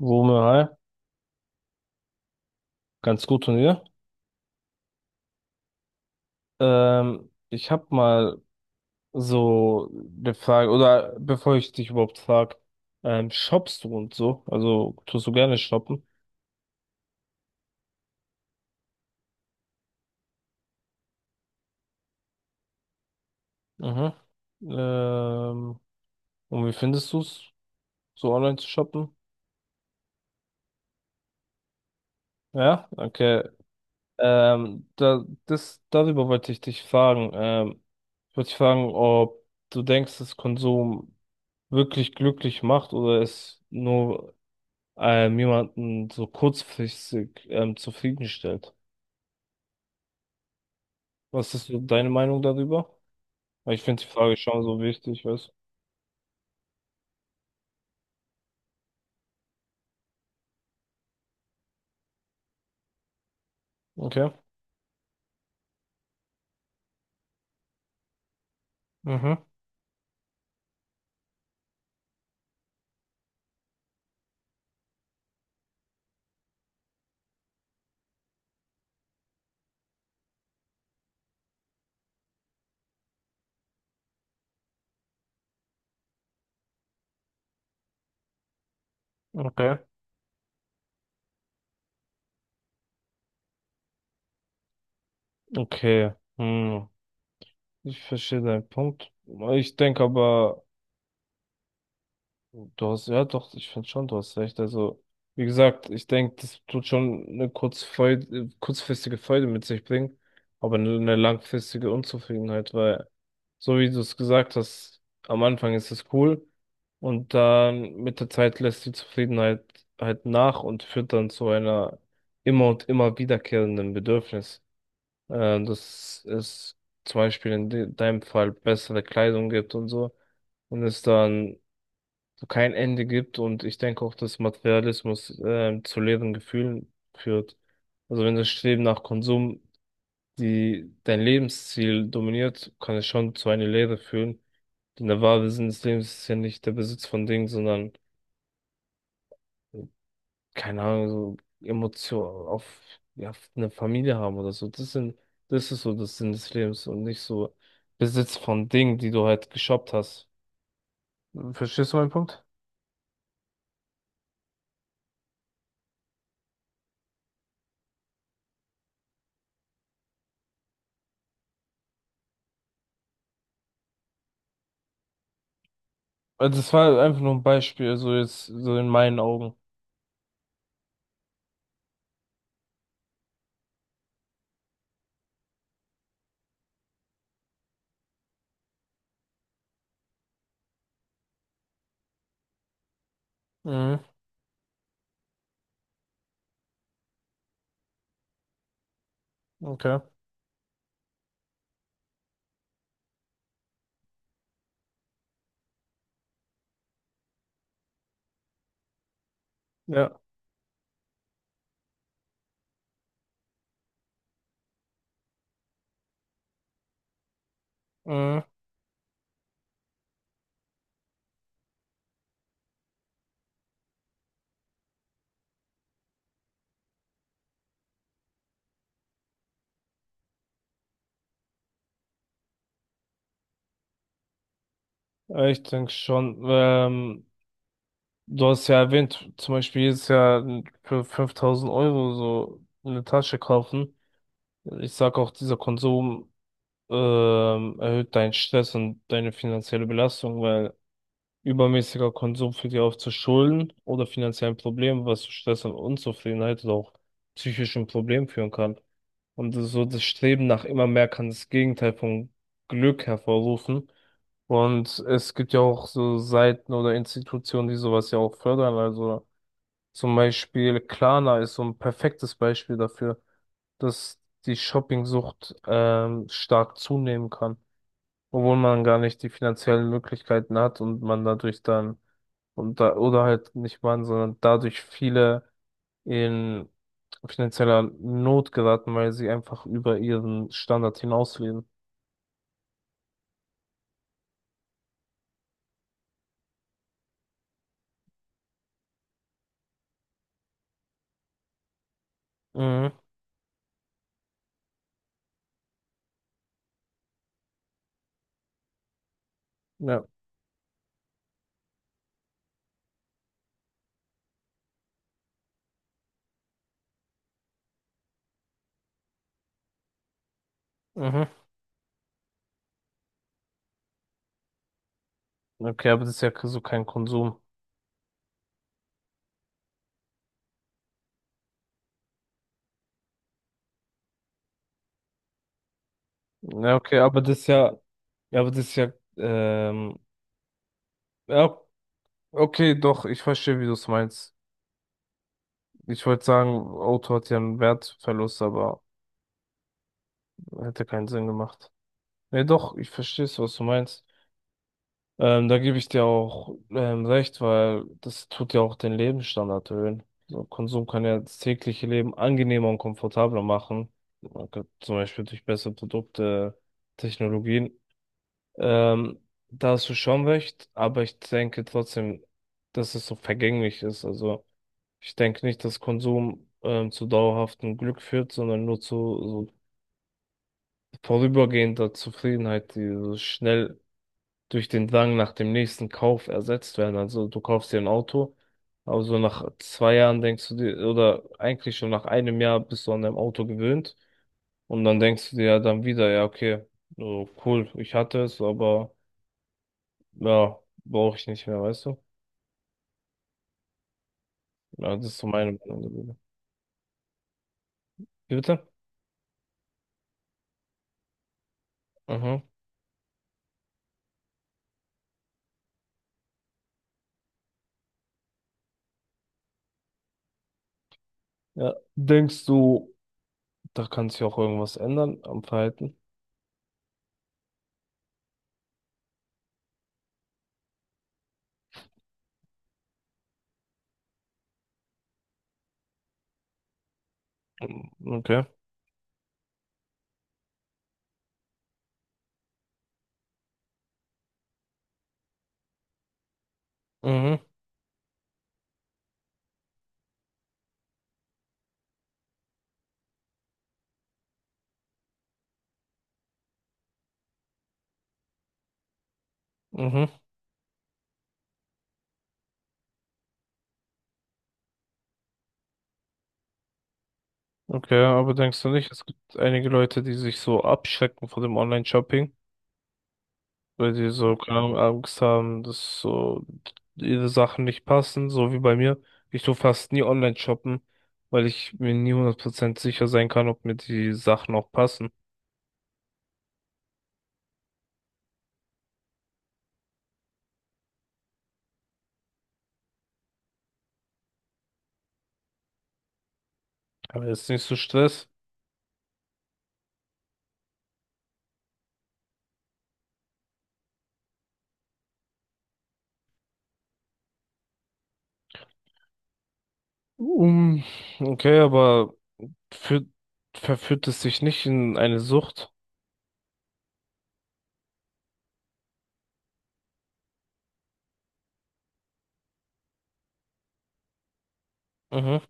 Wumme, hi. Ganz gut und ihr? Ich habe mal so eine Frage, oder bevor ich dich überhaupt frage, shoppst du und so? Also tust du gerne shoppen? Mhm. Ähm, und wie findest du es, so online zu shoppen? Ja, okay. Darüber wollte ich dich fragen. Ich wollte dich fragen, ob du denkst, dass Konsum wirklich glücklich macht oder es nur jemanden so kurzfristig zufriedenstellt. Was ist so deine Meinung darüber? Weil ich finde die Frage schon so wichtig, weißt du? Okay. Mhm, okay. Okay. Hm. Ich verstehe deinen Punkt. Ich denke aber. Du hast, ja doch, ich finde schon, du hast recht. Also, wie gesagt, ich denke, das tut schon eine kurzfristige Freude mit sich bringen, aber nur eine langfristige Unzufriedenheit, weil, so wie du es gesagt hast, am Anfang ist es cool und dann mit der Zeit lässt die Zufriedenheit halt nach und führt dann zu einer immer und immer wiederkehrenden Bedürfnis. Das ist zum Beispiel in de deinem Fall bessere Kleidung gibt und so und es dann so kein Ende gibt, und ich denke auch, dass Materialismus zu leeren Gefühlen führt. Also wenn das Streben nach Konsum die dein Lebensziel dominiert, kann es schon zu einer Leere führen. Denn der wahre Sinn des Lebens ist ja nicht der Besitz von Dingen, sondern keine Ahnung, so Emotionen auf, ja, auf eine Familie haben oder so. Das ist so das Sinn des Lebens und nicht so Besitz von Dingen, die du halt geshoppt hast. Verstehst du meinen Punkt? Also das war halt einfach nur ein Beispiel, so jetzt, so in meinen Augen. Mhm, okay. Ja. Mhm. Ja, ich denke schon. Du hast ja erwähnt, zum Beispiel jedes Jahr für 5000 Euro so eine Tasche kaufen. Ich sag auch, dieser Konsum erhöht deinen Stress und deine finanzielle Belastung, weil übermäßiger Konsum führt ja oft zu Schulden oder finanziellen Problemen was zu Stress und Unzufriedenheit oder auch psychischen Problemen führen kann. Und so das Streben nach immer mehr kann das Gegenteil vom Glück hervorrufen. Und es gibt ja auch so Seiten oder Institutionen, die sowas ja auch fördern. Also zum Beispiel Klarna ist so ein perfektes Beispiel dafür, dass die Shoppingsucht stark zunehmen kann, obwohl man gar nicht die finanziellen Möglichkeiten hat, und man dadurch dann oder halt nicht waren, sondern dadurch viele in finanzieller Not geraten, weil sie einfach über ihren Standard hinausleben. Mhm. Ja. Mhm. Okay, aber das ist ja so kein Konsum. Ja, okay, aber das ist ja, ja, aber das ist ja, ja, okay, doch, ich verstehe, wie du es meinst. Ich wollte sagen, Auto hat ja einen Wertverlust, aber hätte keinen Sinn gemacht. Nee, doch, ich verstehe es, was du meinst. Da gebe ich dir auch recht, weil das tut ja auch den Lebensstandard erhöhen. So, Konsum kann ja das tägliche Leben angenehmer und komfortabler machen. Man kann zum Beispiel durch bessere Produkte, Technologien. Ähm, Da hast du schon recht, aber ich denke trotzdem, dass es so vergänglich ist. Also ich denke nicht, dass Konsum zu dauerhaftem Glück führt, sondern nur zu so vorübergehender Zufriedenheit, die so schnell durch den Drang nach dem nächsten Kauf ersetzt werden. Also du kaufst dir ein Auto, aber so nach zwei Jahren denkst du dir, oder eigentlich schon nach einem Jahr bist du an deinem Auto gewöhnt, und dann denkst du dir ja dann wieder, ja, okay, so cool, ich hatte es, aber ja, brauche ich nicht mehr, weißt du? Ja, das ist so meine Meinung darüber. Wie bitte? Mhm. Ja, denkst du, da kann sich auch irgendwas ändern am Verhalten? Okay. Mhm. Mhm. Okay, aber denkst du nicht, es gibt einige Leute, die sich so abschrecken vor dem Online-Shopping, weil die so, keine Ahnung, Angst haben, dass so ihre Sachen nicht passen, so wie bei mir. Ich tu fast nie online shoppen, weil ich mir nie 100% sicher sein kann, ob mir die Sachen auch passen. Aber jetzt nicht so Stress. Um, okay, aber führt, verführt es sich nicht in eine Sucht? Mhm,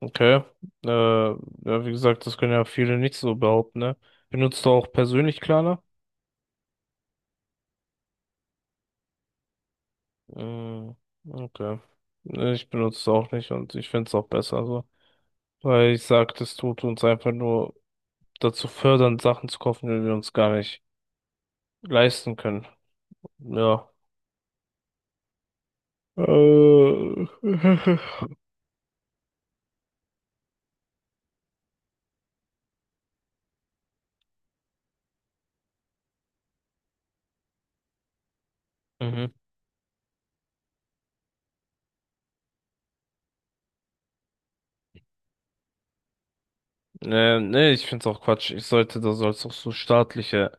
okay. Ja, wie gesagt, das können ja viele nicht so behaupten, ne? Benutzt du auch persönlich Klarna? Mm, okay. Nee, ich benutze es auch nicht und ich finde es auch besser so. Weil ich sag, das tut uns einfach nur dazu fördern, Sachen zu kaufen, die wir uns gar nicht leisten können. Ja. Äh. Mhm. Nee, ich find's auch Quatsch. Da soll's auch so staatliche,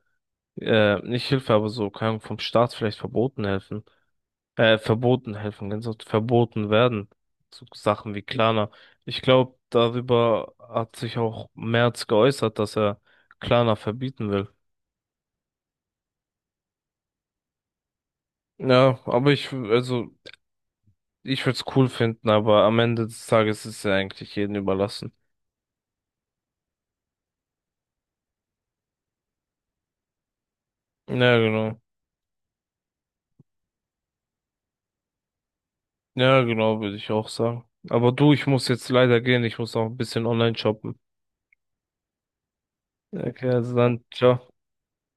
nicht Hilfe, aber so, keine Ahnung, vom Staat vielleicht verboten helfen, ganz oft verboten werden. So Sachen wie Klarna. Ich glaube, darüber hat sich auch Merz geäußert, dass er Klarna verbieten will. Ja, aber ich würde es cool finden, aber am Ende des Tages ist es ja eigentlich jedem überlassen. Ja, genau. Ja, genau, würde ich auch sagen. Aber du, ich muss jetzt leider gehen, ich muss auch ein bisschen online shoppen. Okay, also dann, ciao.